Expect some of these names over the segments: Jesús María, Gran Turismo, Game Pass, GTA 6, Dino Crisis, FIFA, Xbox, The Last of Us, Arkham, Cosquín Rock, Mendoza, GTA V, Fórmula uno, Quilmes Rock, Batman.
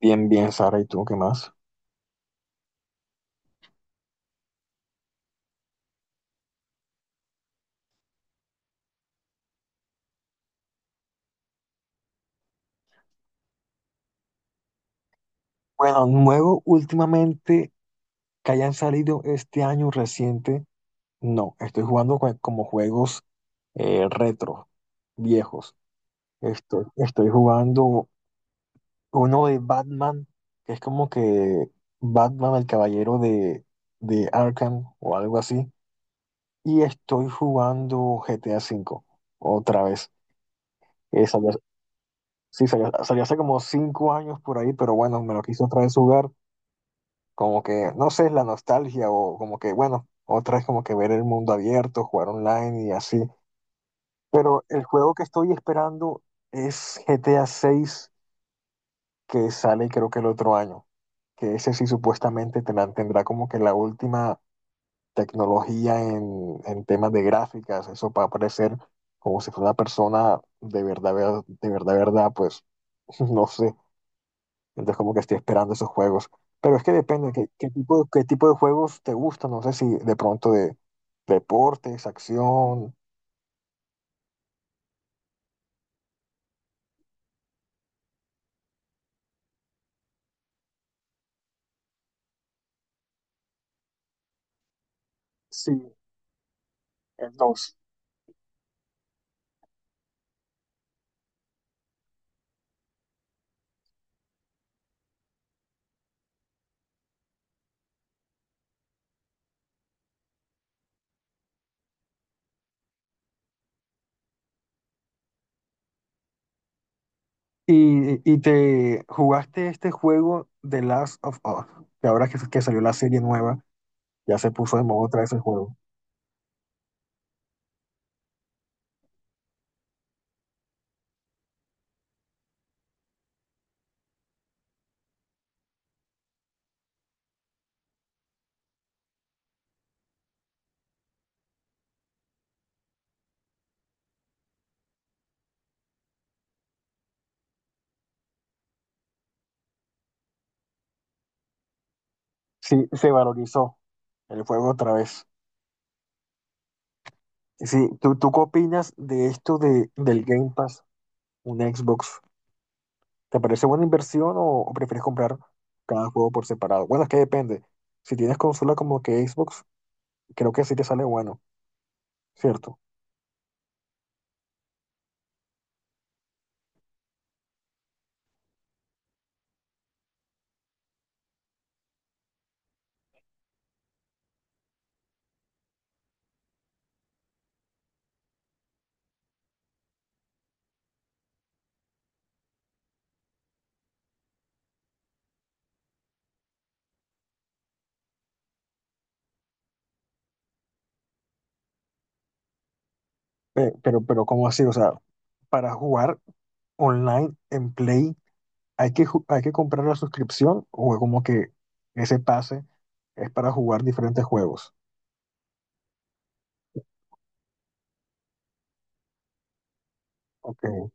Bien, bien, Sara, ¿y tú qué más? Bueno, nuevo últimamente que hayan salido este año reciente, no, estoy jugando como juegos retro, viejos. Estoy jugando uno de Batman, que es como que Batman, el caballero de Arkham o algo así, y estoy jugando GTA V otra vez. Eh, salió- sí, salió hace como 5 años por ahí, pero bueno, me lo quise otra vez jugar como que, no sé, la nostalgia o como que, bueno, otra es como que ver el mundo abierto, jugar online y así. Pero el juego que estoy esperando es GTA 6, que sale creo que el otro año, que ese sí supuestamente tendrá como que la última tecnología en temas de gráficas, eso para parecer como si fuera una persona de verdad, de verdad, verdad, pues no sé. Entonces como que estoy esperando esos juegos. Pero es que depende qué tipo de juegos te gustan. No sé si de pronto de deportes, acción. Sí, el 2. Y te jugaste este juego The Last of Us, que ahora que salió la serie nueva, ya se puso de moda otra vez el juego. Sí, se valorizó el juego otra vez. Sí, ¿tú qué opinas de esto del Game Pass, un Xbox? ¿Te parece buena inversión o prefieres comprar cada juego por separado? Bueno, es que depende. Si tienes consola como que Xbox, creo que sí te sale bueno, ¿cierto? Pero, ¿cómo así? O sea, para jugar online en Play, ¿hay que comprar la suscripción o es como que ese pase es para jugar diferentes juegos? Ok,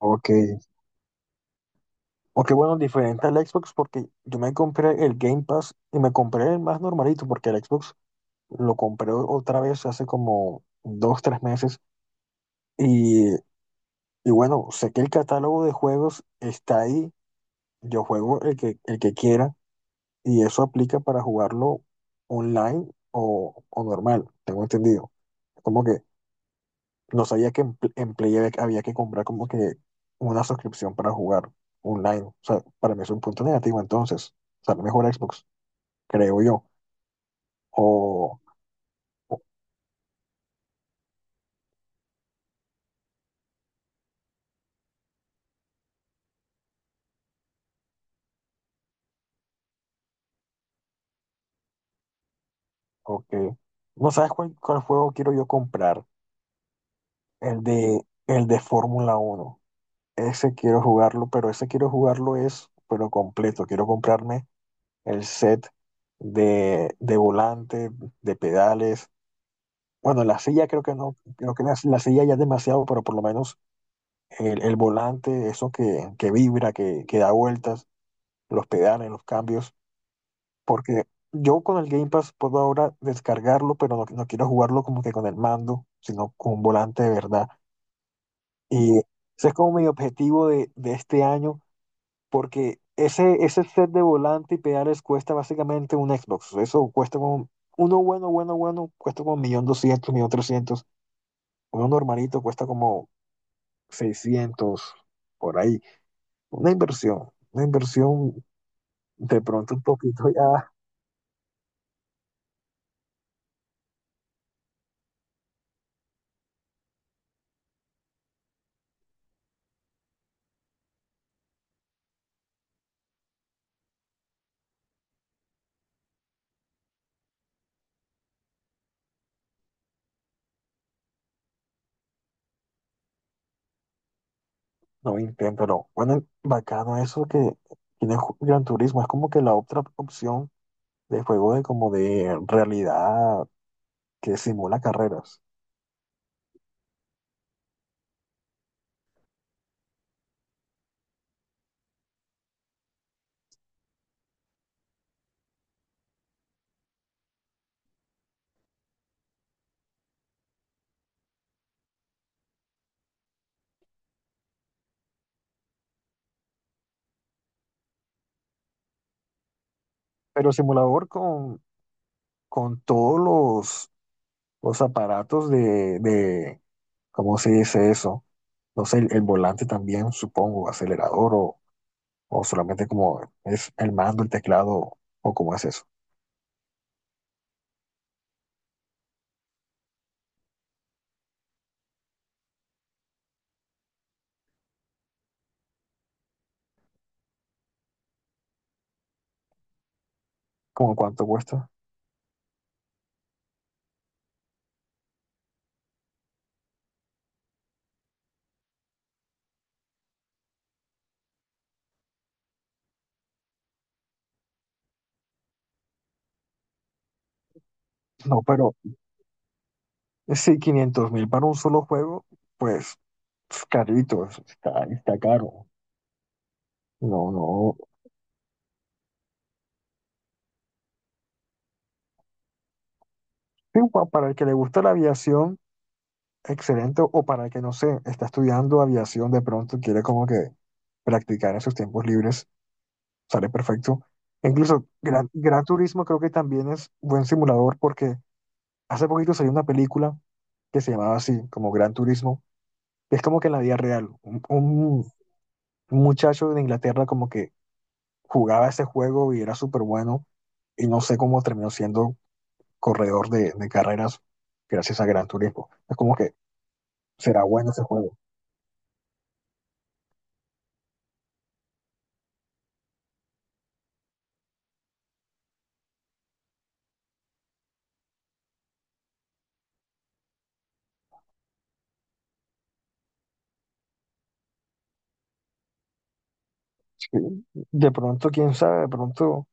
ok. Ok, bueno, diferente al Xbox porque yo me compré el Game Pass y me compré el más normalito porque el Xbox lo compré otra vez hace como dos, tres meses. Y, y bueno, sé que el catálogo de juegos está ahí. Yo juego el que quiera. Y eso aplica para jugarlo online o normal, tengo entendido. Como que no sabía que en Play había que comprar como que una suscripción para jugar online. O sea, para mí es un punto negativo entonces. Sale mejor Xbox, creo yo. O, o, o que no sabes cuál juego quiero yo comprar. El de, el de Fórmula 1. Ese quiero jugarlo, pero ese quiero jugarlo es, pero completo. Quiero comprarme el set de volante, de pedales. Bueno, la silla creo que no, creo que la silla ya es demasiado, pero por lo menos el volante, eso que vibra, que da vueltas, los pedales, los cambios, porque yo con el Game Pass puedo ahora descargarlo, pero no quiero jugarlo como que con el mando, sino con un volante de verdad. Y ese es como mi objetivo de este año, porque ese set de volante y pedales cuesta básicamente un Xbox. Eso cuesta como, uno bueno, bueno, bueno, cuesta como un millón doscientos millón trescientos. Uno normalito cuesta como 600 por ahí. Una inversión de pronto un poquito ya, no intento, pero bueno, bacano eso que tiene Gran Turismo. Es como que la otra opción de juego de como de realidad que simula carreras. Pero simulador con todos los aparatos de, ¿cómo se dice eso? No sé, el volante también, supongo, acelerador o solamente como es el mando, el teclado o cómo es eso. ¿Cómo cuánto cuesta? No, pero si 500.000 para un solo juego, pues es carito, está caro. No, no. Sí, para el que le gusta la aviación. Excelente, o para el que no sé, está estudiando aviación de pronto, quiere como que practicar en sus tiempos libres, sale perfecto. E incluso Gran Turismo creo que también es buen simulador porque hace poquito salió una película que se llamaba así, como Gran Turismo, que es como que en la vida real, un muchacho de Inglaterra como que jugaba ese juego y era súper bueno y no sé cómo terminó siendo corredor de carreras gracias a Gran Turismo. Es como que será bueno ese juego. De pronto, quién sabe, de pronto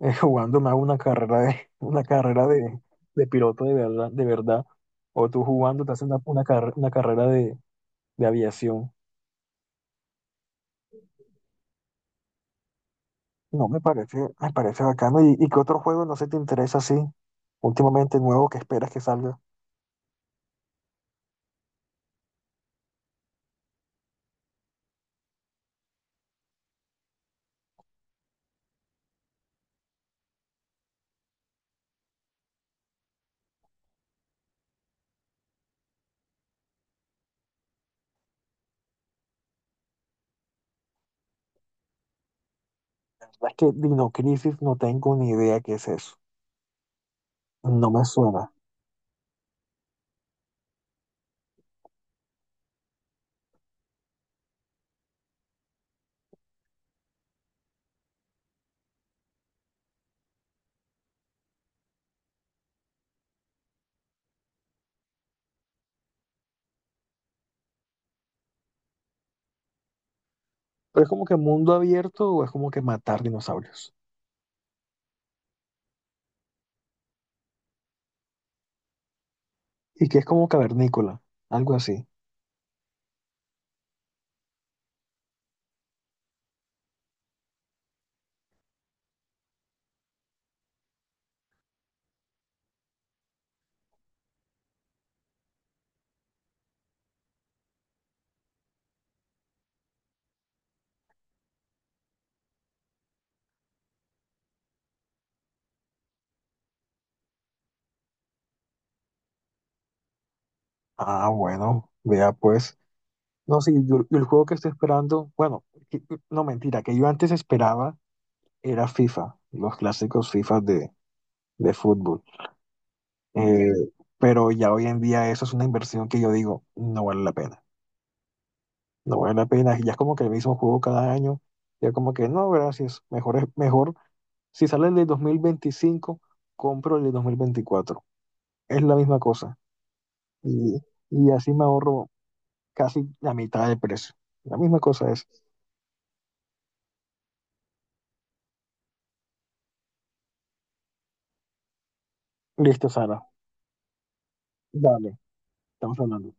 jugando me hago una carrera de piloto de verdad, de verdad. O tú jugando te haces una carrera de aviación. No, me parece bacano. ¿Y qué otro juego no se te interesa así? Últimamente nuevo que esperas que salga. La verdad es que Dino Crisis no tengo ni idea qué es eso. No me suena. Pero es como que mundo abierto o es como que matar dinosaurios. Y que es como cavernícola, algo así. Ah, bueno, vea pues. No, sí, yo el juego que estoy esperando, bueno, que- no mentira, que yo antes esperaba era FIFA, los clásicos FIFA de fútbol. Eh, pero ya hoy en día eso es una inversión que yo digo, no vale la pena, no vale la pena. Ya es como que el mismo juego cada año, ya como que no, gracias, mejor es mejor. Si sale el de 2025, compro el de 2024. Es la misma cosa. Y, y así me ahorro casi la mitad del precio. La misma cosa es. Listo, Sara. Dale, estamos hablando.